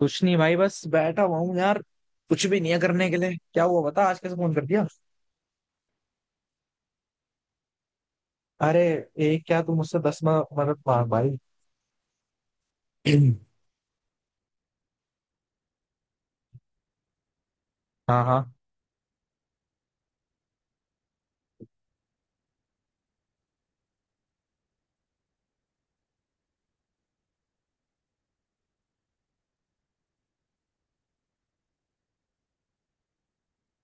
कुछ नहीं भाई, बस बैठा हुआ हूँ यार। कुछ भी नहीं है करने के लिए। क्या हुआ, बता, आज कैसे फोन कर दिया? अरे, एक क्या, तू मुझसे 10 मदद मांग भाई। हाँ हाँ।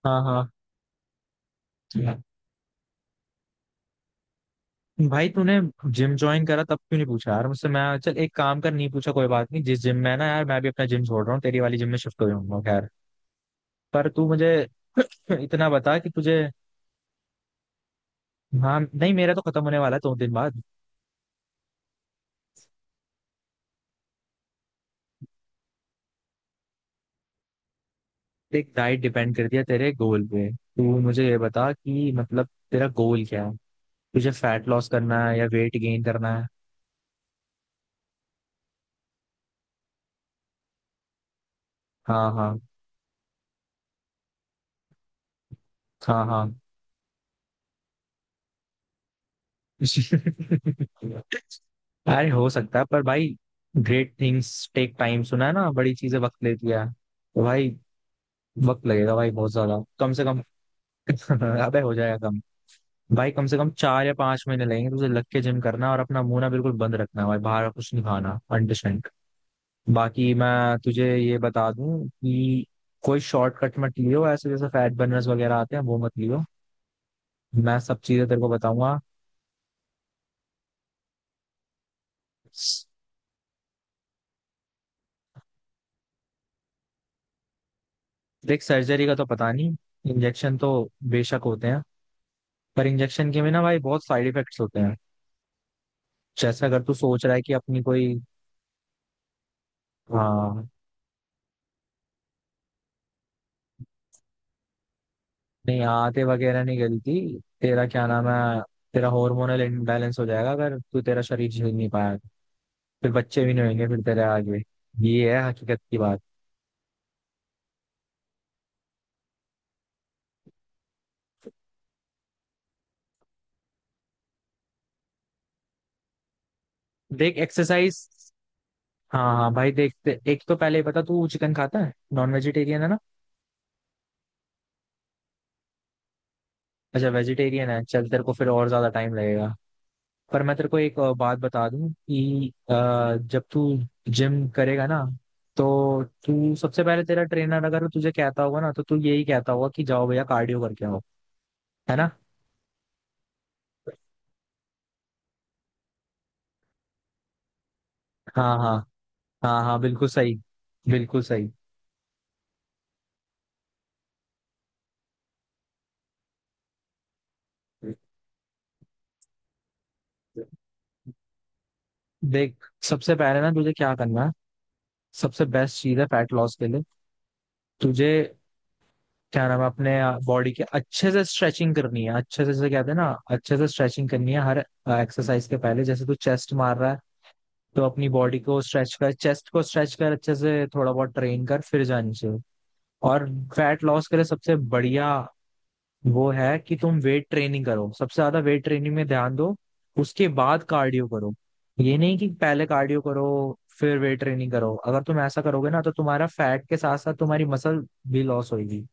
हाँ हाँ। भाई तूने जिम ज्वाइन करा तब क्यों नहीं पूछा यार मुझसे? मैं, चल एक काम कर, नहीं पूछा कोई बात नहीं, जिस जिम में है ना यार, मैं भी अपना जिम छोड़ रहा हूँ, तेरी वाली जिम में शिफ्ट हो जाऊंगा। खैर, पर तू मुझे इतना बता कि तुझे। हाँ, नहीं मेरा तो खत्म होने वाला है 2 दिन बाद। देख, डाइट डिपेंड करती है तेरे गोल पे। तू मुझे ये बता कि मतलब तेरा गोल क्या है? तुझे फैट लॉस करना है या वेट गेन करना है? हाँ हाँ। हाँ हाँ। अरे हो सकता है पर भाई, ग्रेट थिंग्स टेक टाइम, सुना है ना? बड़ी चीजें वक्त लेती है, तो भाई वक्त लगेगा भाई, बहुत ज्यादा, कम से कम। अबे हो जाएगा कम। भाई कम से कम 4 या 5 महीने लगेंगे तुझे लग के जिम करना, और अपना मुंह ना बिल्कुल बंद रखना भाई, बाहर का कुछ नहीं खाना। अंडरस्टैंड? बाकी मैं तुझे ये बता दूं कि कोई शॉर्टकट मत लियो, ऐसे जैसे फैट बर्नर्स वगैरह आते हैं वो मत लियो। मैं सब चीजें तेरे को बताऊंगा। देख, सर्जरी का तो पता नहीं, इंजेक्शन तो बेशक होते हैं, पर इंजेक्शन के भी ना भाई बहुत साइड इफेक्ट्स होते हैं। जैसे अगर तू सोच रहा है कि अपनी कोई। हाँ, नहीं आते वगैरह नहीं गलती। तेरा क्या नाम है। तेरा हार्मोनल इम्बैलेंस हो जाएगा अगर तू, तेरा शरीर झेल नहीं पाया तो। फिर बच्चे भी नहीं होंगे फिर तेरे आगे। ये है हकीकत की बात। देख एक्सरसाइज। हाँ हाँ भाई देखते, एक तो पहले ही बता, तू चिकन खाता है, नॉन वेजिटेरियन है ना? अच्छा, वेजिटेरियन है, चल तेरे को फिर और ज्यादा टाइम लगेगा। पर मैं तेरे को एक बात बता दूं कि जब तू जिम करेगा ना, तो तू सबसे पहले, तेरा ट्रेनर अगर तुझे कहता होगा ना, तो तू यही कहता होगा कि जाओ भैया कार्डियो करके आओ। है ना? हाँ हाँ। हाँ हाँ बिल्कुल सही। बिल्कुल सही। देख सबसे पहले ना तुझे क्या करना है, सबसे बेस्ट चीज है फैट लॉस के लिए, तुझे क्या नाम है अपने बॉडी के, अच्छे से स्ट्रेचिंग करनी है। अच्छे से, जैसे कहते हैं ना, अच्छे से स्ट्रेचिंग करनी है हर एक्सरसाइज के पहले। जैसे तू चेस्ट मार रहा है, तो अपनी बॉडी को स्ट्रेच कर, चेस्ट को स्ट्रेच कर, अच्छे से थोड़ा बहुत ट्रेन कर, फिर जानी चाहिए। और फैट लॉस के लिए सबसे बढ़िया वो है कि तुम वेट ट्रेनिंग करो, सबसे ज्यादा वेट ट्रेनिंग में ध्यान दो, उसके बाद कार्डियो करो। ये नहीं कि पहले कार्डियो करो फिर वेट ट्रेनिंग करो, अगर तुम ऐसा करोगे ना तो तुम्हारा फैट के साथ साथ तुम्हारी मसल भी लॉस होगी।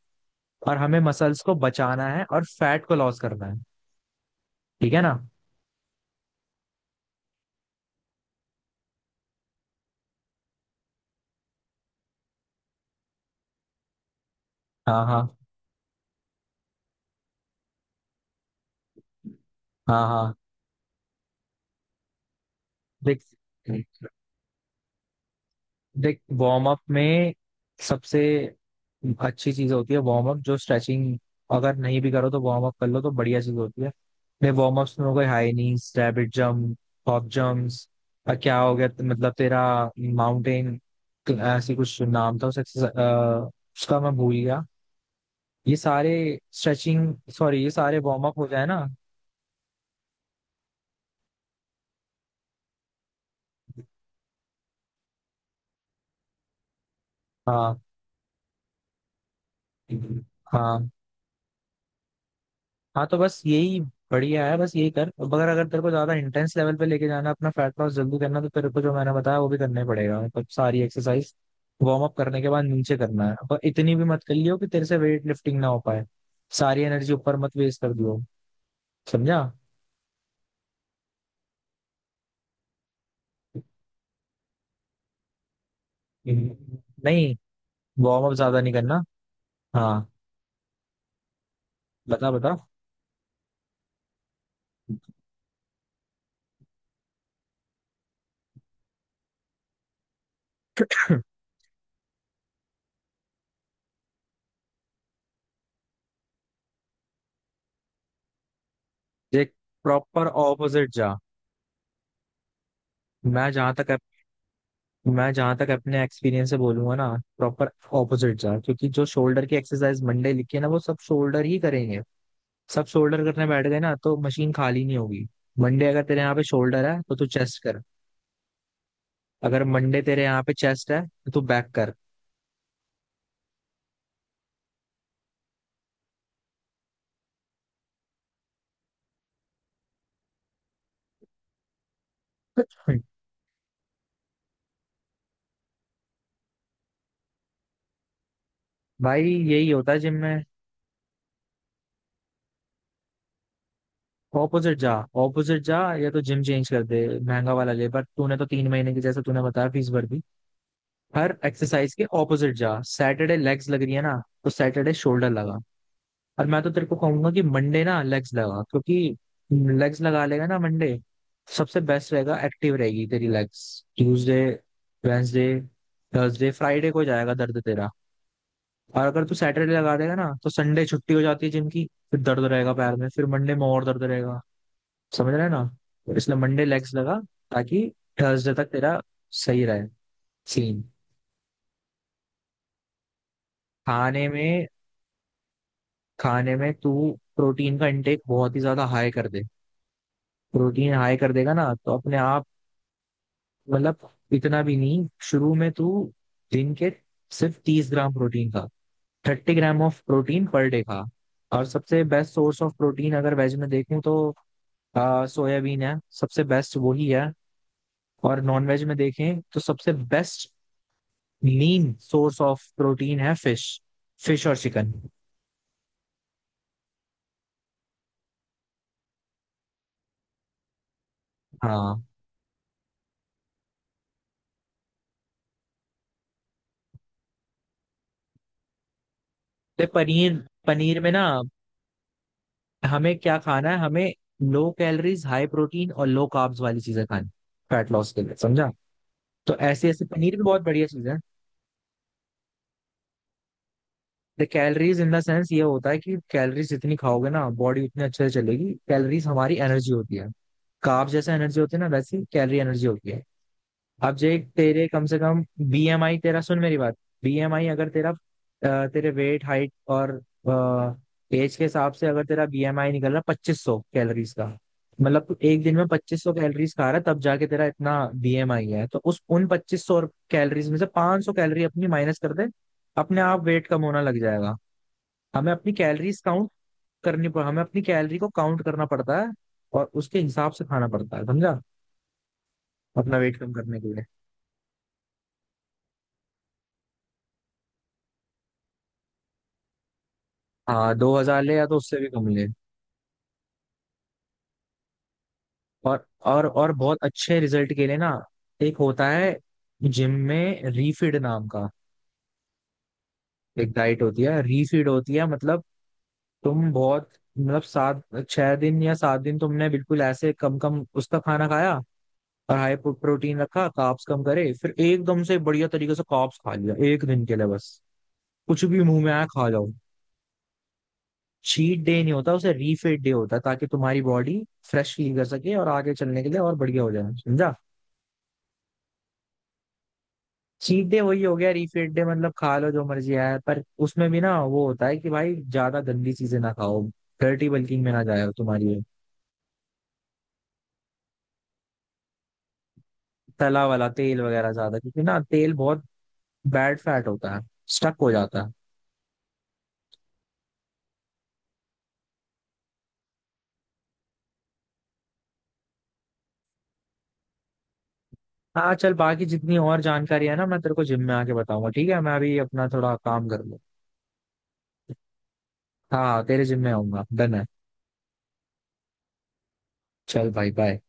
और हमें मसल्स को बचाना है और फैट को लॉस करना है। ठीक है ना? हाँ हाँ। हाँ हाँ। देख देख वार्म अप में सबसे अच्छी चीज होती है। वार्म अप जो स्ट्रेचिंग अगर नहीं भी करो तो वार्म अप कर लो, तो बढ़िया चीज होती है। मेरे वार्म अप्स में हो गए high knees, rabbit jump, hop jumps, और क्या हो गया मतलब तेरा माउंटेन, ऐसी कुछ नाम था उस उसका मैं भूल गया। ये सारे स्ट्रेचिंग, सॉरी, ये सारे वार्म अप हो जाए ना। हाँ हाँ। हाँ तो बस यही बढ़िया है, बस यही कर। मगर अगर तेरे को ज्यादा इंटेंस लेवल पे लेके जाना, अपना फैट लॉस जल्दी करना, तो तेरे को जो मैंने बताया वो भी करना ही पड़ेगा, मतलब सारी एक्सरसाइज वार्म अप करने के बाद नीचे करना है। पर इतनी भी मत कर लियो कि तेरे से वेट लिफ्टिंग ना हो पाए, सारी एनर्जी ऊपर मत वेस्ट कर दियो। समझा? हम्म। नहीं, वार्म अप ज्यादा नहीं करना। हाँ, बता बता। देख प्रॉपर ऑपोजिट जा। मैं जहां तक मैं जहां तक अपने एक्सपीरियंस से बोलूंगा ना, प्रॉपर ऑपोजिट जा, क्योंकि जो शोल्डर की एक्सरसाइज मंडे लिखी है ना वो सब शोल्डर ही करेंगे। सब शोल्डर करने बैठ गए ना तो मशीन खाली नहीं होगी। मंडे अगर तेरे यहाँ पे शोल्डर है तो तू चेस्ट कर। अगर मंडे तेरे यहाँ पे चेस्ट है तो तू बैक कर। भाई यही होता है जिम में। ऑपोजिट जा। ऑपोजिट जा, या तो जिम चेंज कर दे, महंगा वाला ले, पर तूने तो 3 महीने की, जैसे तूने बताया, फीस भर दी। हर एक्सरसाइज के ऑपोजिट जा। सैटरडे लेग्स लग रही है ना, तो सैटरडे शोल्डर लगा। और मैं तो तेरे को कहूंगा कि मंडे ना लेग्स लगा, क्योंकि लेग्स लगा लेगा ना मंडे, सबसे बेस्ट रहेगा, एक्टिव रहेगी तेरी legs. Tuesday, Wednesday, Thursday, Friday को जाएगा दर्द तेरा। और अगर तू सैटरडे लगा देगा ना तो संडे छुट्टी हो जाती है जिम की, फिर दर्द रहेगा पैर में, फिर मंडे में और दर्द रहेगा। समझ रहे हैं ना? तो इसलिए मंडे लेग्स लगा, ताकि थर्सडे तक तेरा सही रहे सीन। खाने में, खाने में तू प्रोटीन का इंटेक बहुत ही ज्यादा हाई कर दे। प्रोटीन हाई कर देगा ना तो अपने आप। मतलब इतना भी नहीं, शुरू में तू दिन के सिर्फ 30 ग्राम प्रोटीन खा, 30 ग्राम ऑफ प्रोटीन पर डे खा। और सबसे बेस्ट सोर्स ऑफ प्रोटीन, अगर वेज में देखूं तो सोयाबीन है, सबसे बेस्ट वही है। और नॉन वेज में देखें तो सबसे best lean source of protein है फिश, फिश और चिकन। हाँ, तो पनीर, पनीर में ना, हमें क्या खाना है, हमें लो कैलोरीज, हाई प्रोटीन और लो कार्ब्स वाली चीजें खानी फैट लॉस के लिए, समझा? तो ऐसे ऐसे पनीर भी बहुत बढ़िया चीज है। The calories in the sense ये होता है कि कैलोरीज जितनी खाओगे ना बॉडी उतनी अच्छे से चलेगी। कैलोरीज हमारी एनर्जी होती है। कार्ब जैसा एनर्जी होती है ना, वैसी कैलोरी एनर्जी होती है। अब जे तेरे कम से कम बीएमआई, तेरा सुन मेरी बात, बीएमआई अगर तेरा तेरे वेट, हाइट और एज के हिसाब से अगर तेरा बीएमआई निकल रहा 2,500 कैलोरीज का, मतलब तू एक दिन में 2,500 कैलोरीज खा रहा है तब जाके तेरा इतना बीएमआई है, तो उस उन 2,500 कैलोरीज में से 500 कैलोरी अपनी माइनस कर दे, अपने आप वेट कम होना लग जाएगा। हमें अपनी कैलोरीज काउंट करनी पड़, हमें अपनी कैलोरी को काउंट करना पड़ता है और उसके हिसाब से खाना पड़ता है, समझा? अपना वेट कम करने के लिए। हाँ, 2,000 ले या तो उससे भी कम ले। और बहुत अच्छे रिजल्ट के लिए ना, एक होता है जिम में रीफीड नाम का, एक डाइट होती है रीफीड होती है, मतलब तुम बहुत, मतलब सात, 6 दिन या 7 दिन तुमने बिल्कुल ऐसे कम कम उसका खाना खाया और हाई प्रोटीन रखा, कार्ब्स कम करे, फिर एकदम से बढ़िया तरीके से कार्ब्स खा लिया एक दिन के लिए बस, कुछ भी मुंह में आया खा जाओ। चीट डे नहीं होता उसे, रीफीड डे होता है, ताकि तुम्हारी बॉडी फ्रेश फील कर सके और आगे चलने के लिए और बढ़िया हो जाए, समझा? चीट डे वही हो गया रीफीड डे, मतलब खा लो जो मर्जी आया, पर उसमें भी ना वो होता है कि भाई ज्यादा गंदी चीजें ना खाओ, डर्टी बल्किंग में ना जाए तुम्हारी। तला वाला, तेल वगैरह ज्यादा, क्योंकि ना तेल बहुत बैड फैट होता है, स्टक हो जाता है। हाँ चल, बाकी जितनी और जानकारी है ना मैं तेरे को जिम में आके बताऊंगा, ठीक है? मैं अभी अपना थोड़ा काम कर लूँ। हाँ तेरे जिम में आऊंगा, डन है। चल भाई, बाय।